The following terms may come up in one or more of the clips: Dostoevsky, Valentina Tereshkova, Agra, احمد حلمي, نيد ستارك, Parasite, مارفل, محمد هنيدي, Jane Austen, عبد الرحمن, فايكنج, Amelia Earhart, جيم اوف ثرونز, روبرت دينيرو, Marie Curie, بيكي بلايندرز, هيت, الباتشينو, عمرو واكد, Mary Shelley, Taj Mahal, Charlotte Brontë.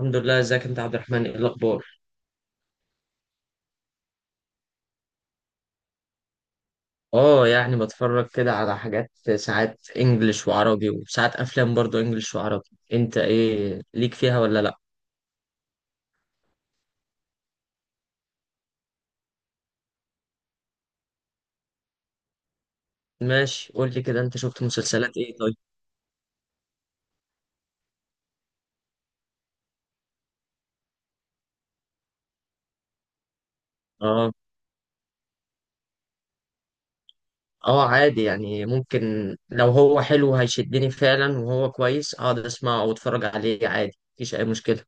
الحمد لله. ازيك انت يا عبد الرحمن؟ ايه الاخبار؟ اه يعني بتفرج كده على حاجات. ساعات انجليش وعربي وساعات افلام برضو انجليش وعربي. انت ايه ليك فيها ولا لا؟ ماشي، قول لي كده انت شفت مسلسلات ايه طيب. اه. اه عادي يعني ممكن. لو هو حلو هيشدني فعلا وهو كويس اقعد اسمعه او اتفرج عليه عادي، مفيش اي مشكلة.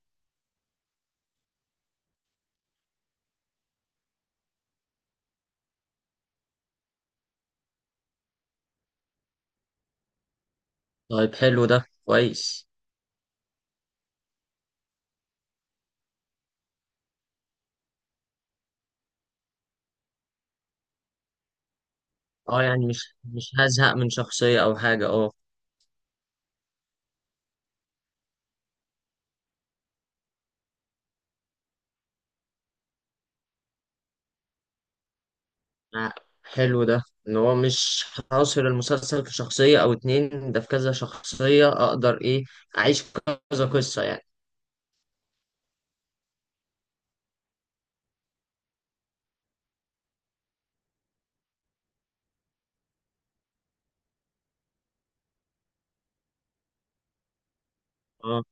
طيب حلو، ده كويس. اه يعني مش هزهق من شخصية او حاجة، اه. آه، حلو ده. ان هو مش حاصر المسلسل في شخصية او اتنين، ده في كذا شخصية اقدر ايه اعيش كذا قصة يعني. اه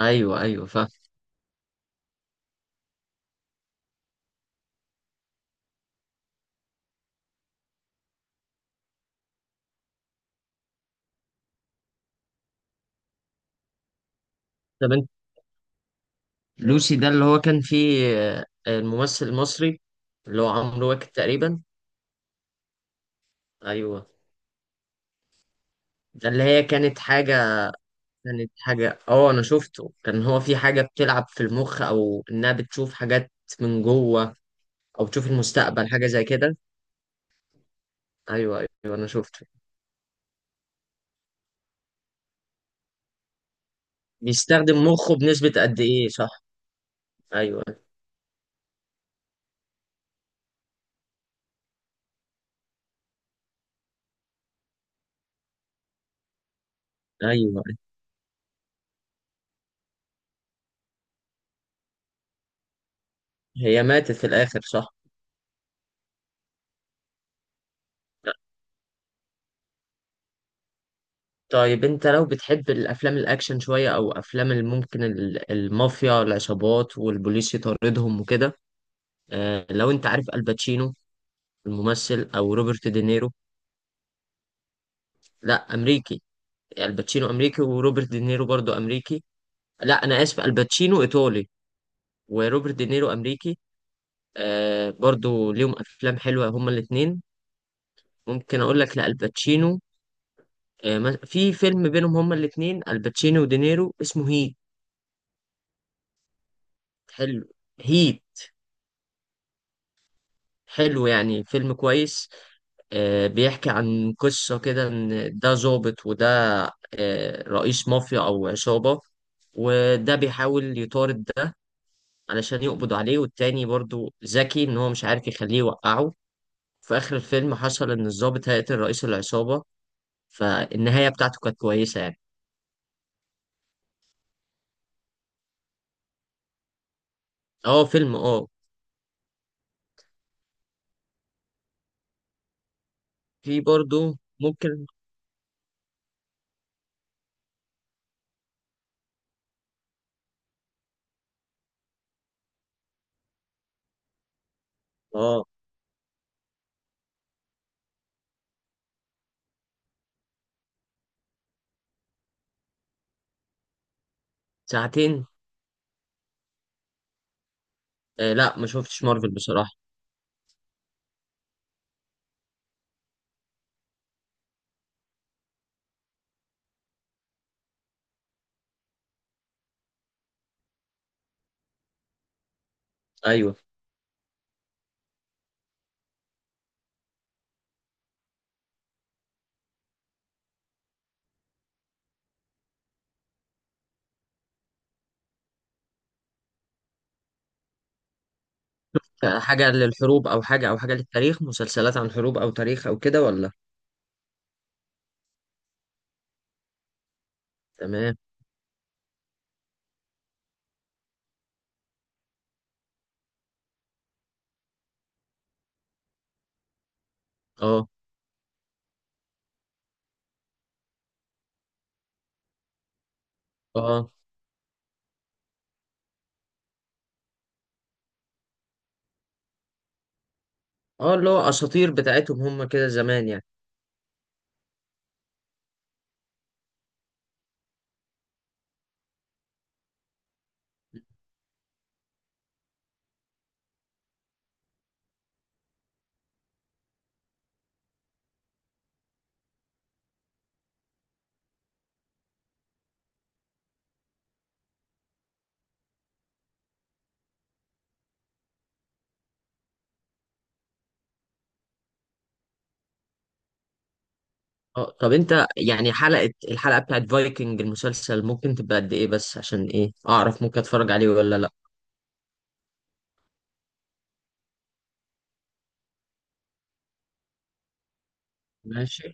ايوه ايوه فاهم. طب انت، لوسي ده اللي هو كان فيه الممثل المصري اللي هو عمرو واكد تقريبا؟ ايوه، ده اللي هي كانت حاجة. كانت حاجة، اه انا شفته، كان هو في حاجة بتلعب في المخ او انها بتشوف حاجات من جوه او تشوف المستقبل، حاجة زي كده. ايوه ايوه انا شفته. بيستخدم مخه بنسبة قد ايه، صح؟ ايوه. ايوه، هي ماتت في الاخر صح. طيب انت لو بتحب الافلام الاكشن شويه او افلام اللي ممكن المافيا العصابات والبوليس يطاردهم وكده. آه لو انت عارف الباتشينو الممثل، او روبرت دينيرو. لا، امريكي. الباتشينو امريكي وروبرت دينيرو برضو امريكي. لا انا اسف، الباتشينو ايطالي وروبرت دينيرو امريكي. آه برضو ليهم افلام حلوه هما الاثنين. ممكن اقول لك، لا الباتشينو، في فيلم بينهم هما الاثنين الباتشينو ودينيرو اسمه هيت. حلو. هيت. حلو يعني، فيلم كويس. بيحكي عن قصة كده إن ده ظابط وده رئيس مافيا أو عصابة، وده بيحاول يطارد ده علشان يقبض عليه، والتاني برضو ذكي إن هو مش عارف يخليه يوقعه. في آخر الفيلم حصل إن الظابط هيقتل رئيس العصابة. فالنهاية بتاعته كانت كويسة يعني. اه فيلم اه. في برضو ممكن. اه. ساعتين. آه لا ما شفتش مارفل بصراحة. أيوه. حاجة للحروب أو حاجة أو حاجة للتاريخ، مسلسلات عن حروب أو تاريخ أو كده ولا؟ تمام. اه. اه. اه اللي هو أساطير بتاعتهم هم كده زمان يعني. اه. طب أنت يعني الحلقة بتاعت فايكنج المسلسل ممكن تبقى قد إيه بس، عشان إيه أعرف ممكن أتفرج عليه ولا لأ. ماشي.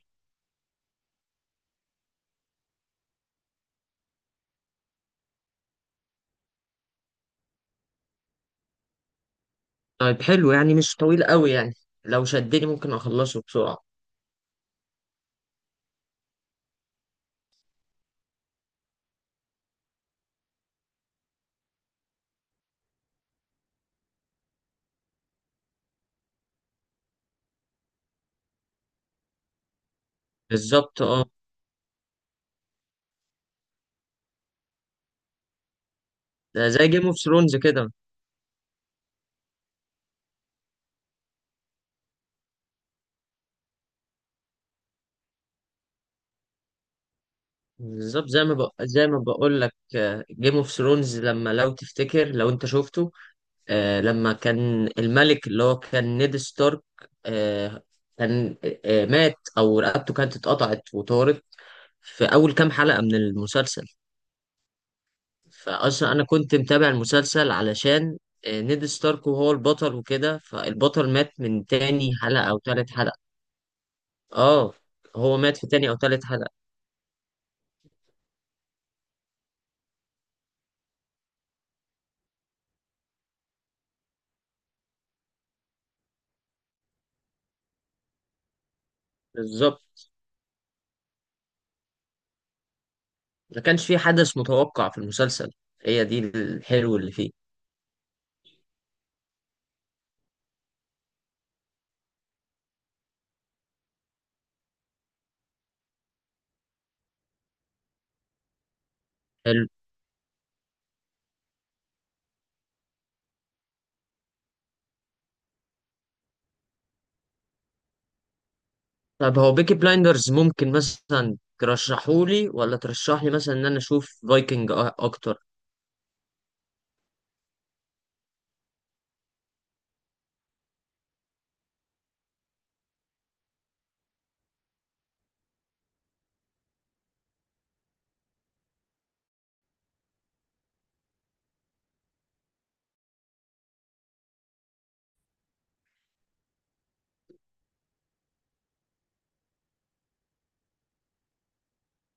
طيب حلو، يعني مش طويل قوي يعني. لو شدني ممكن أخلصه بسرعة. بالظبط اه. ده زي جيم اوف ثرونز كده. بالظبط، زي ما بقول لك، جيم اوف ثرونز لما، لو تفتكر لو انت شفته، آه لما كان الملك اللي هو كان نيد ستارك، آه كان آه مات او رقبته كانت اتقطعت وطارت في اول كام حلقة من المسلسل. فاصلا انا كنت متابع المسلسل علشان آه نيد ستارك وهو البطل وكده، فالبطل مات من تاني حلقة او تالت حلقة. اه. هو مات في تاني او تالت حلقة. بالظبط. ما كانش في حدث متوقع في المسلسل، هي دي الحلو اللي فيه. طب هو بيكي بلايندرز ممكن مثلا ترشحولي ولا ترشحلي مثلا ان انا اشوف فايكنج اكتر؟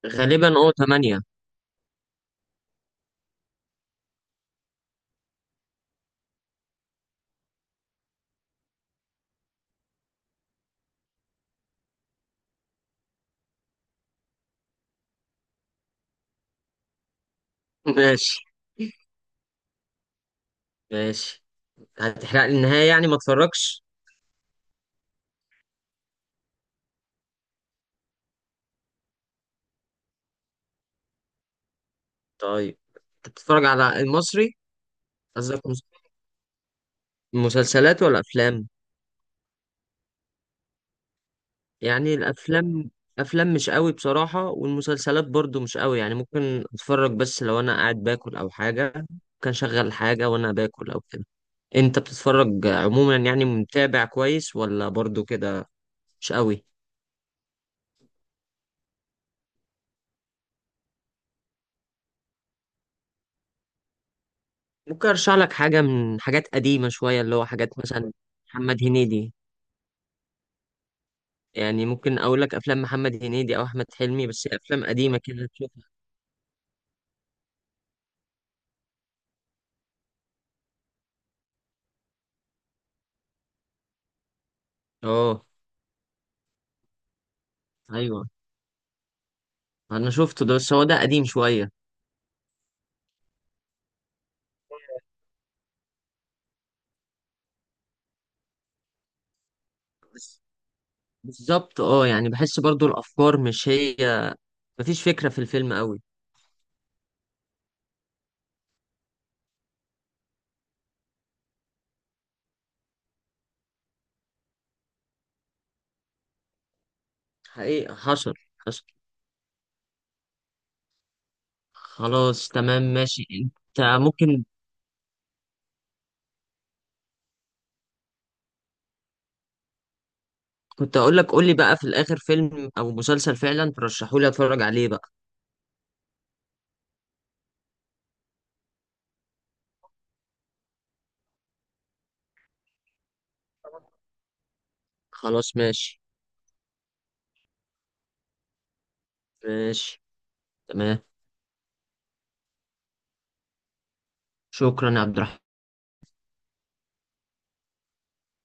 غالبا اه تمانية. ماشي. ماشي، هتحرق لي النهاية يعني، ما اتفرجش. طيب انت بتتفرج على المصري؟ قصدك مسلسلات ولا افلام؟ يعني الافلام، افلام مش قوي بصراحة، والمسلسلات برضو مش قوي، يعني ممكن اتفرج بس لو انا قاعد باكل او حاجة. كان شغل حاجة وانا باكل او كده. انت بتتفرج عموما، يعني متابع كويس ولا برضو كده؟ مش قوي. ممكن ارشح لك حاجة من حاجات قديمة شوية، اللي هو حاجات مثلا محمد هنيدي. يعني ممكن اقول لك افلام محمد هنيدي او احمد حلمي، بس افلام قديمة كده تشوفها. اه ايوه، انا شفته ده، بس هو ده قديم شوية. بالظبط اه، يعني بحس برضو الافكار مش هي، مفيش فكره في الفيلم قوي. حقيقة حصل. حصل. خلاص تمام ماشي. انت ممكن، كنت اقول لك، قول لي بقى في الاخر فيلم او مسلسل فعلا ترشحوا لي اتفرج عليه بقى. خلاص ماشي. ماشي. تمام. شكرا يا عبد الرحمن.